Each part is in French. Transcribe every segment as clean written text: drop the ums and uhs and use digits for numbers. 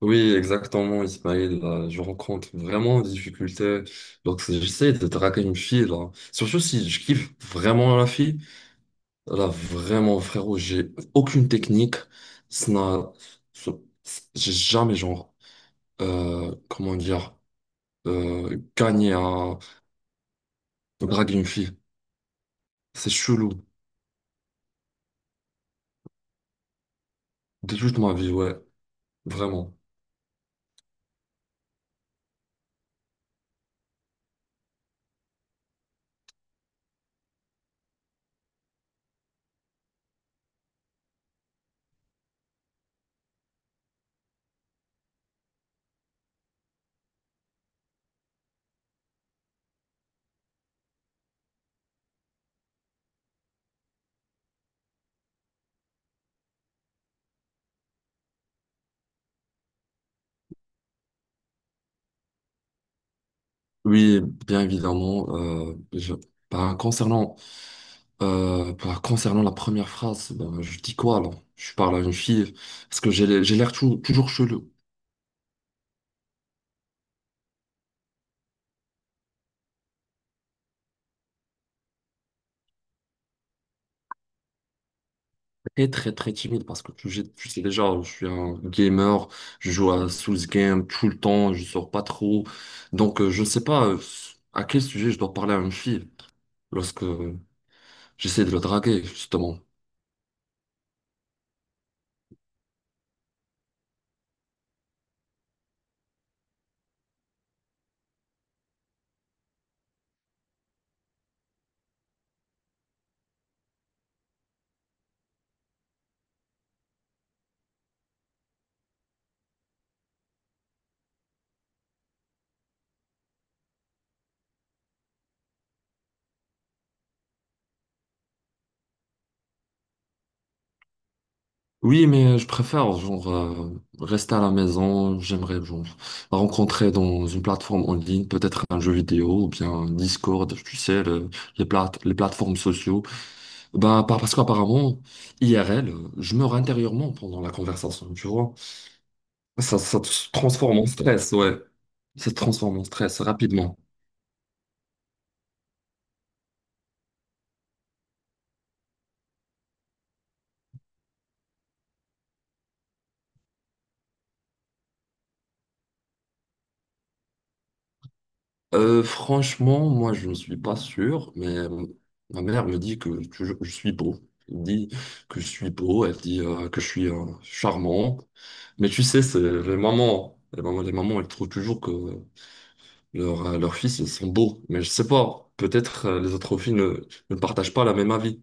Oui, exactement, Ismaël. Là, je rencontre vraiment des difficultés lorsque j'essaie de draguer une fille. Là. Surtout si je kiffe vraiment la fille. Là, vraiment, frérot, j'ai aucune technique. Ça n'a- ça- J'ai jamais, genre, comment dire, gagné à draguer une fille. C'est chelou. De toute ma vie, ouais. Vraiment. Oui, bien évidemment. Ben, concernant la première phrase, ben, je dis quoi alors? Je parle à une fille parce que j'ai l'air toujours chelou, très très très timide parce que tu sais déjà, je suis un gamer, je joue à Souls Game tout le temps, je sors pas trop. Donc je sais pas, à quel sujet je dois parler à une fille lorsque j'essaie de la draguer justement. Oui, mais je préfère rester à la maison. J'aimerais genre rencontrer dans une plateforme en ligne, peut-être un jeu vidéo ou bien un Discord, tu sais, les plateformes sociaux. Parce qu'apparemment, IRL, je meurs intérieurement pendant la conversation, tu vois. Ça se transforme en stress, ouais. Ça se transforme en stress rapidement. Franchement, moi, je ne suis pas sûr, mais ma mère me dit que je suis beau. Elle me dit que je suis beau, elle dit que je suis charmant. Mais tu sais, c'est les mamans, les mamans, les mamans, elles trouvent toujours que leur, leurs fils, ils sont beaux. Mais je sais pas, peut-être les autres filles ne partagent pas la même avis.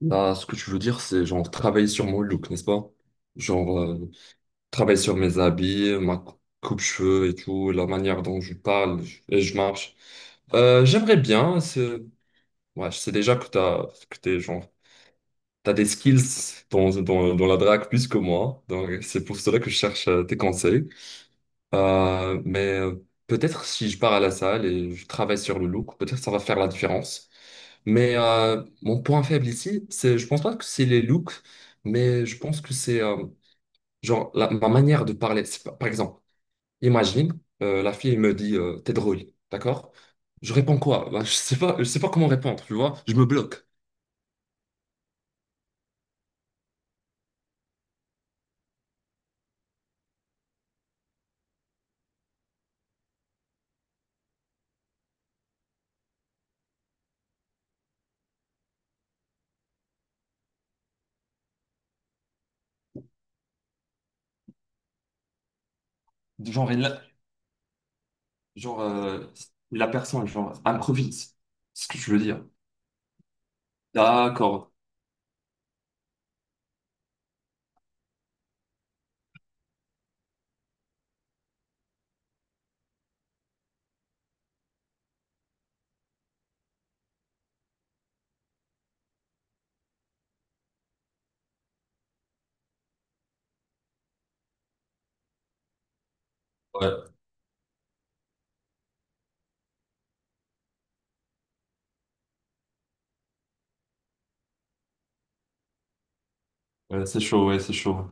Là, ce que tu veux dire, c'est genre travailler sur mon look, n'est-ce pas? Genre travailler sur mes habits, ma coupe-cheveux et tout, la manière dont je parle et je marche. J'aimerais bien. Ouais, je sais déjà que t'es genre t'as des skills dans la drague plus que moi. Donc c'est pour cela que je cherche tes conseils. Peut-être si je pars à la salle et je travaille sur le look, peut-être ça va faire la différence. Mais mon point faible ici, c'est je pense pas que c'est les looks, mais je pense que c'est, genre ma manière de parler. C'est pas- Par exemple. Imagine, la fille me dit t'es drôle, d'accord? Je réponds quoi? Bah, je sais pas comment répondre, tu vois? Je me bloque. Genre, il- genre euh, la personne, genre, improvise. C'est ce que je veux dire. D'accord. Ouais, ouais, c'est chaud, ouais, c'est chaud.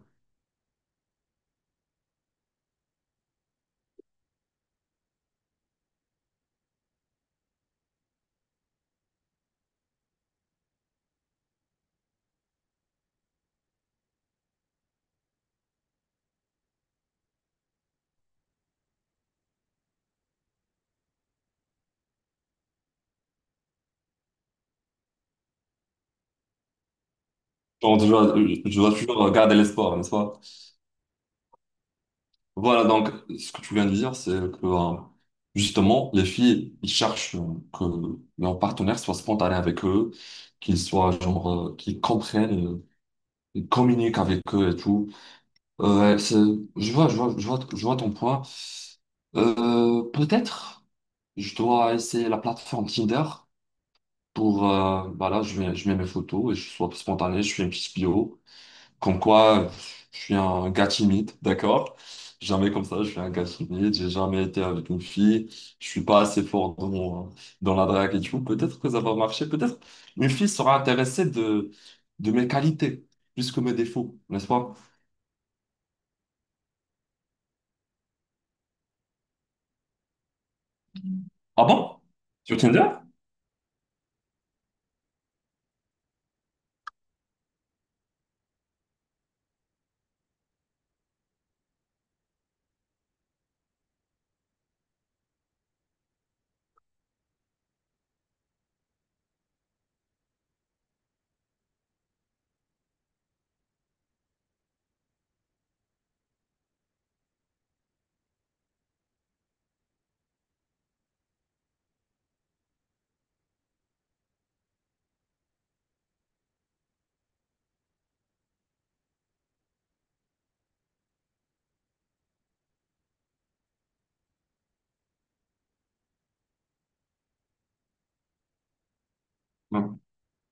Genre, je dois toujours garder l'espoir, n'est-ce pas? Voilà, donc, ce que tu viens de dire, c'est que, justement, les filles, ils cherchent que leur partenaire soit spontané avec eux, qu'ils soient, genre, qu'ils comprennent, ils communiquent avec eux et tout. Ouais, c'est- je vois, je vois, je vois, je vois ton point. Peut-être je dois essayer la plateforme Tinder pour, voilà, je mets mes photos et je sois spontané, je fais une petite bio. Comme quoi, je suis un gars timide, d'accord? Jamais comme ça, je suis un gars timide, j'ai jamais été avec une fille, je suis pas assez fort dans la drague et tout. Peut-être que ça va marcher, peut-être une fille sera intéressée de mes qualités plus que mes défauts, n'est-ce pas? Ah bon? Sur Tinder? Non.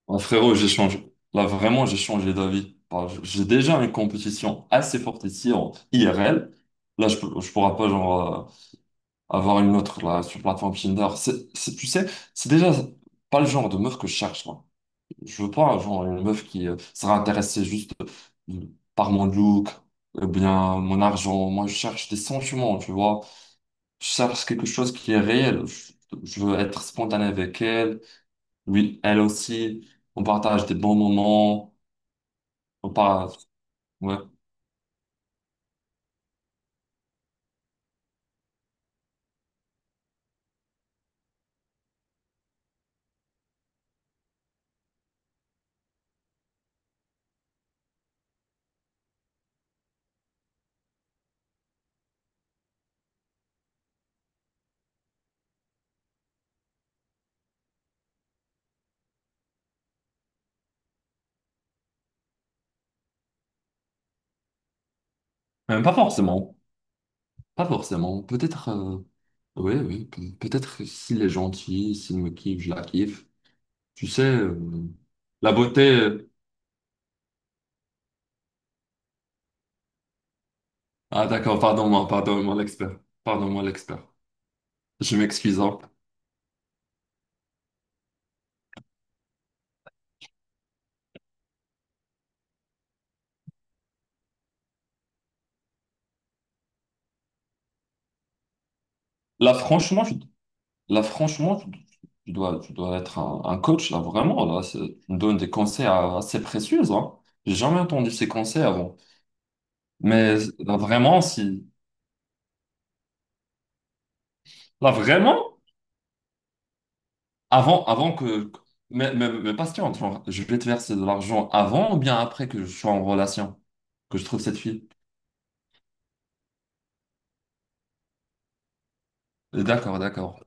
Ah, frérot, j'ai changé. Là, vraiment, j'ai changé d'avis. J'ai déjà une compétition assez forte ici en IRL. Là, je ne pourrais pas avoir une autre là, sur plateforme Tinder. Tu sais, c'est déjà pas le genre de meuf que je cherche. Moi, je veux pas genre une meuf qui sera intéressée juste, euh, par mon look ou bien mon argent. Moi, je cherche des sentiments, tu vois. Je cherche quelque chose qui est réel. Je veux être spontané avec elle. Oui, elle aussi, on partage des bons moments, on partage, ouais. Même pas forcément, Pas forcément, peut-être, oui, oui, peut-être que s'il est gentil, s'il me kiffe, je la kiffe. Tu sais, la beauté, ah d'accord, pardon-moi, pardon-moi l'expert, je m'excuse. Hein. Là, franchement, tu, Là, franchement, tu dois être un coach, là, vraiment, tu me donnes des conseils, assez précieux, hein. J'ai jamais entendu ces conseils avant. Mais vraiment, si... Là, vraiment, avant que. Mais patiente, genre, je vais te verser de l'argent avant ou bien après que je sois en relation, que je trouve cette fille. D'accord, d'accord.